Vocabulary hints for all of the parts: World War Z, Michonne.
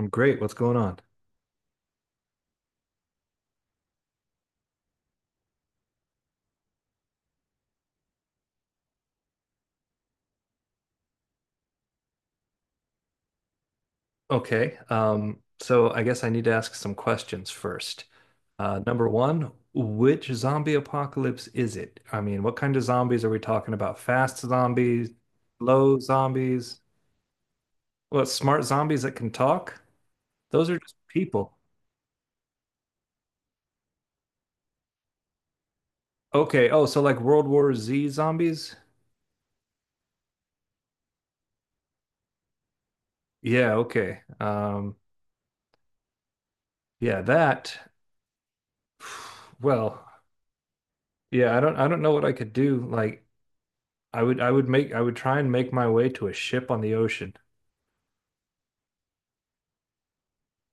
I'm great. What's going on? Okay. So I guess I need to ask some questions first. Number one, which zombie apocalypse is it? I mean, what kind of zombies are we talking about? Fast zombies, slow zombies, what smart zombies that can talk? Those are just people. Okay. Oh, so like World War Z zombies? Yeah, okay. Yeah, that well, yeah, I don't know what I could do. Like I would try and make my way to a ship on the ocean.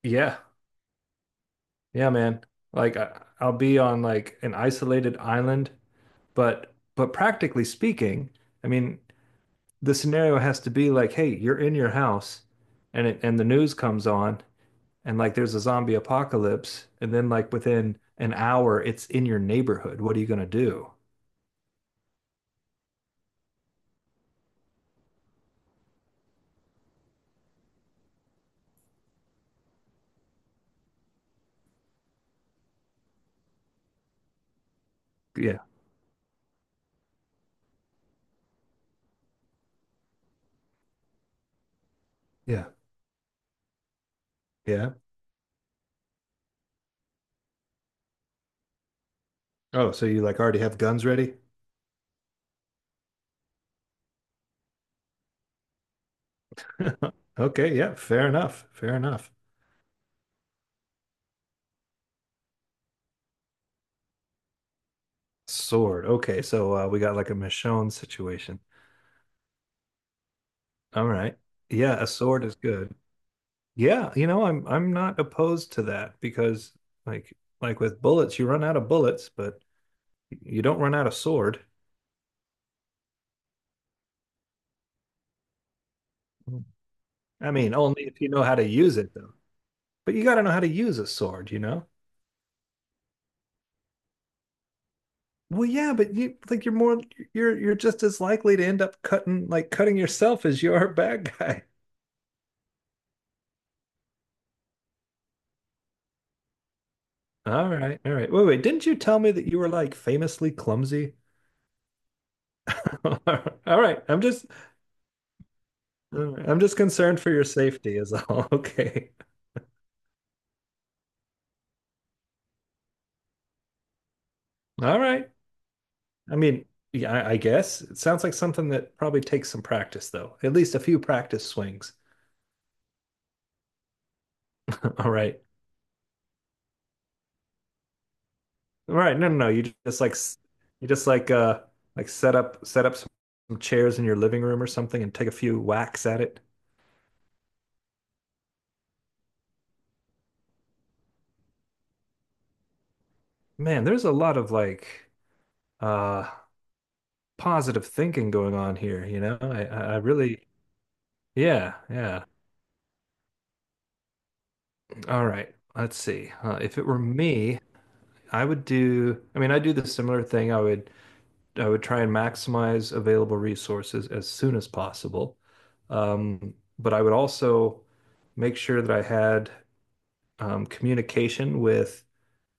Yeah. Yeah, man. Like I'll be on like an isolated island, but practically speaking, I mean, the scenario has to be like, hey, you're in your house and the news comes on and like there's a zombie apocalypse and then like within an hour it's in your neighborhood. What are you gonna do? Yeah. Yeah. Yeah. Oh, so you like already have guns ready? Okay, yeah, fair enough. Fair enough. Sword. Okay, so we got like a Michonne situation. All right. Yeah, a sword is good. Yeah, I'm not opposed to that because like like with bullets, you run out of bullets, but you don't run out of sword. I mean, only if you know how to use it though. But you got to know how to use a sword, you know? Well, yeah, but you like you're more you're just as likely to end up cutting yourself as you are a bad guy. All right. All right. Wait, wait. Didn't you tell me that you were like famously clumsy? All right. I'm just concerned for your safety is all. Okay. All right. I mean, yeah, I guess it sounds like something that probably takes some practice though. At least a few practice swings. All right. All right. No, no, no. You just like set up some chairs in your living room or something and take a few whacks at it. Man, there's a lot of like uh positive thinking going on here, you know? I really Yeah, yeah. All right, let's see. If it were me, I mean, I do the similar thing. I would try and maximize available resources as soon as possible. But I would also make sure that I had communication with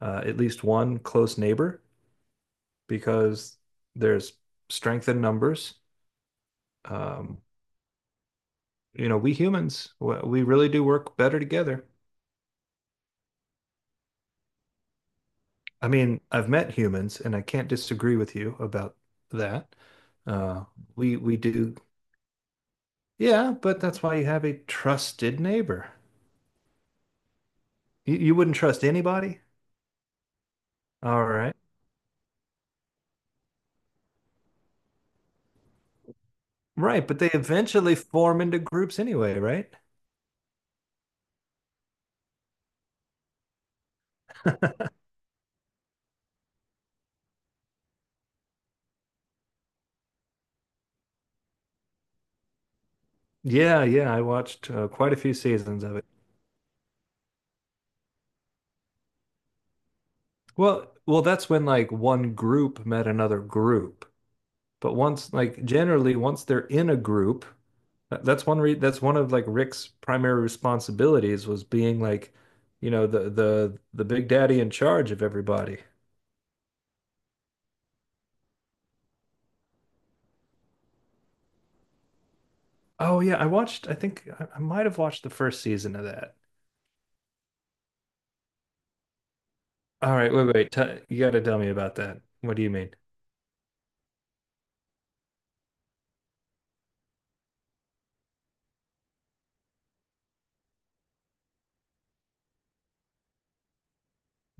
at least one close neighbor because there's strength in numbers. Um, we humans, we really do work better together. I mean, I've met humans, and I can't disagree with you about that. Uh, we do, yeah, but that's why you have a trusted neighbor. You wouldn't trust anybody. All right, right, but they eventually form into groups anyway, right? Yeah, yeah, I watched quite a few seasons of it. Well, that's when like one group met another group. But once, like generally, once they're in a group, that's one of like Rick's primary responsibilities was being like, the big daddy in charge of everybody. Oh yeah, I think I might have watched the first season of that. All right, wait, wait. T You got to tell me about that. What do you mean?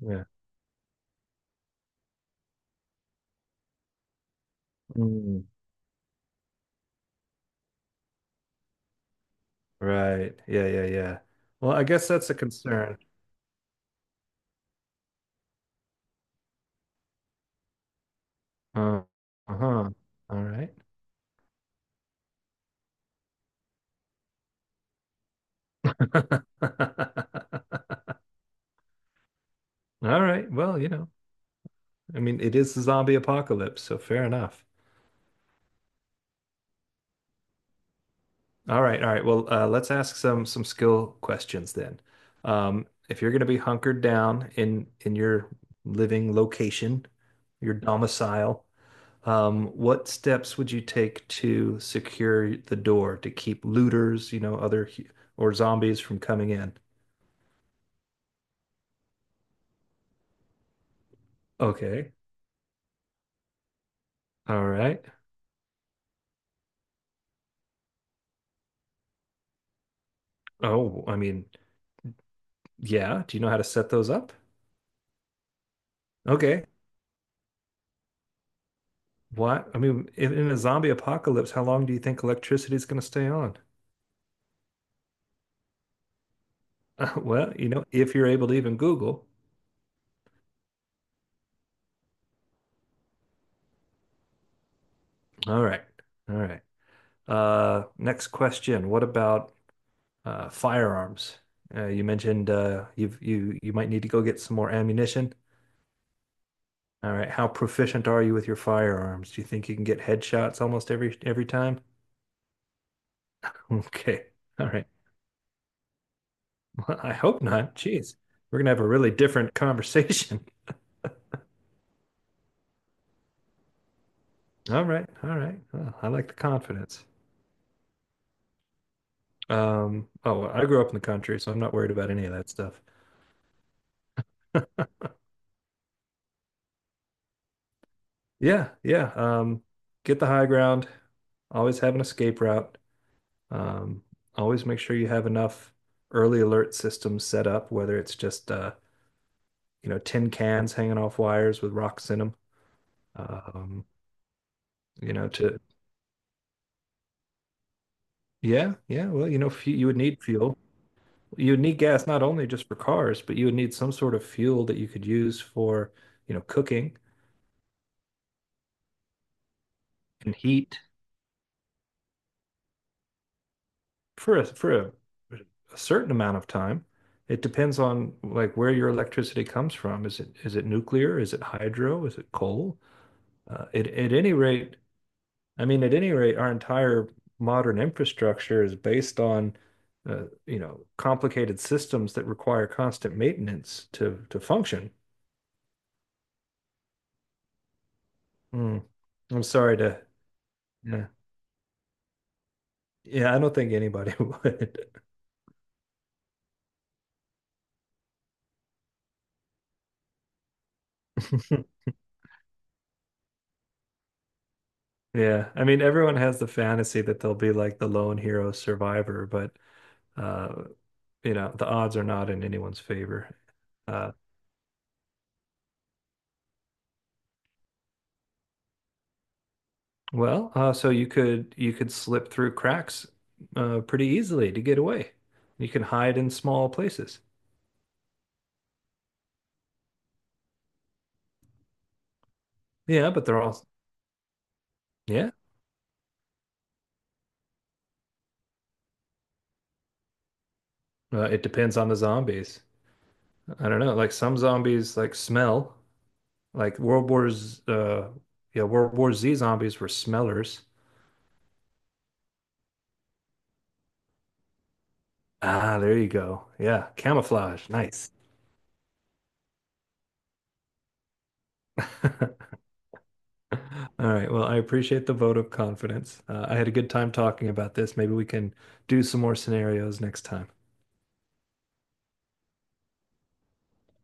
Yeah. Mm, right. Yeah, yeah, yeah. Well, I guess that's a concern. Uh, uh-huh. All right. All right. Well, I mean, it is the zombie apocalypse, so fair enough. All right, all right. Well, let's ask some skill questions then. If you're going to be hunkered down in your living location, your domicile, what steps would you take to secure the door to keep looters, other or zombies from coming in? Okay. All right. Oh, I mean, yeah. Do you know how to set those up? Okay. What? I mean, in a zombie apocalypse, how long do you think electricity is going to stay on? Well, if you're able to even Google. All right. All right. Next question. What about firearms? You mentioned you might need to go get some more ammunition. All right. How proficient are you with your firearms? Do you think you can get headshots almost every time? Okay. All right. Well, I hope not. Jeez. We're gonna have a really different conversation. All right. All right. Well, I like the confidence. Oh, well, I grew up in the country, so I'm not worried about any of that stuff. Yeah, yeah. Get the high ground. Always have an escape route. Um, Always make sure you have enough early alert systems set up, whether it's just tin cans hanging off wires with rocks in them. Um, you know, to Yeah, yeah. Well, you would need fuel. You would need gas not only just for cars, but you would need some sort of fuel that you could use for, cooking and heat for a certain amount of time. It depends on like where your electricity comes from. Is it nuclear? Is it hydro? Is it coal? At any rate, our entire modern infrastructure is based on complicated systems that require constant maintenance to function. Hmm. I'm sorry to Yeah, yeah, I don't think anybody would. Yeah, I mean, everyone has the fantasy that they'll be like the lone hero survivor, but uh, the odds are not in anyone's favor. Uh, well, so you could slip through cracks pretty easily to get away. You can hide in small places. Yeah, but they're all yeah. It depends on the zombies. I don't know. Like some zombies like smell. Like World War's yeah, World War Z zombies were smellers. Ah, there you go. Yeah, camouflage. Nice. All right. Well, I appreciate the vote of confidence. I had a good time talking about this. Maybe we can do some more scenarios next time.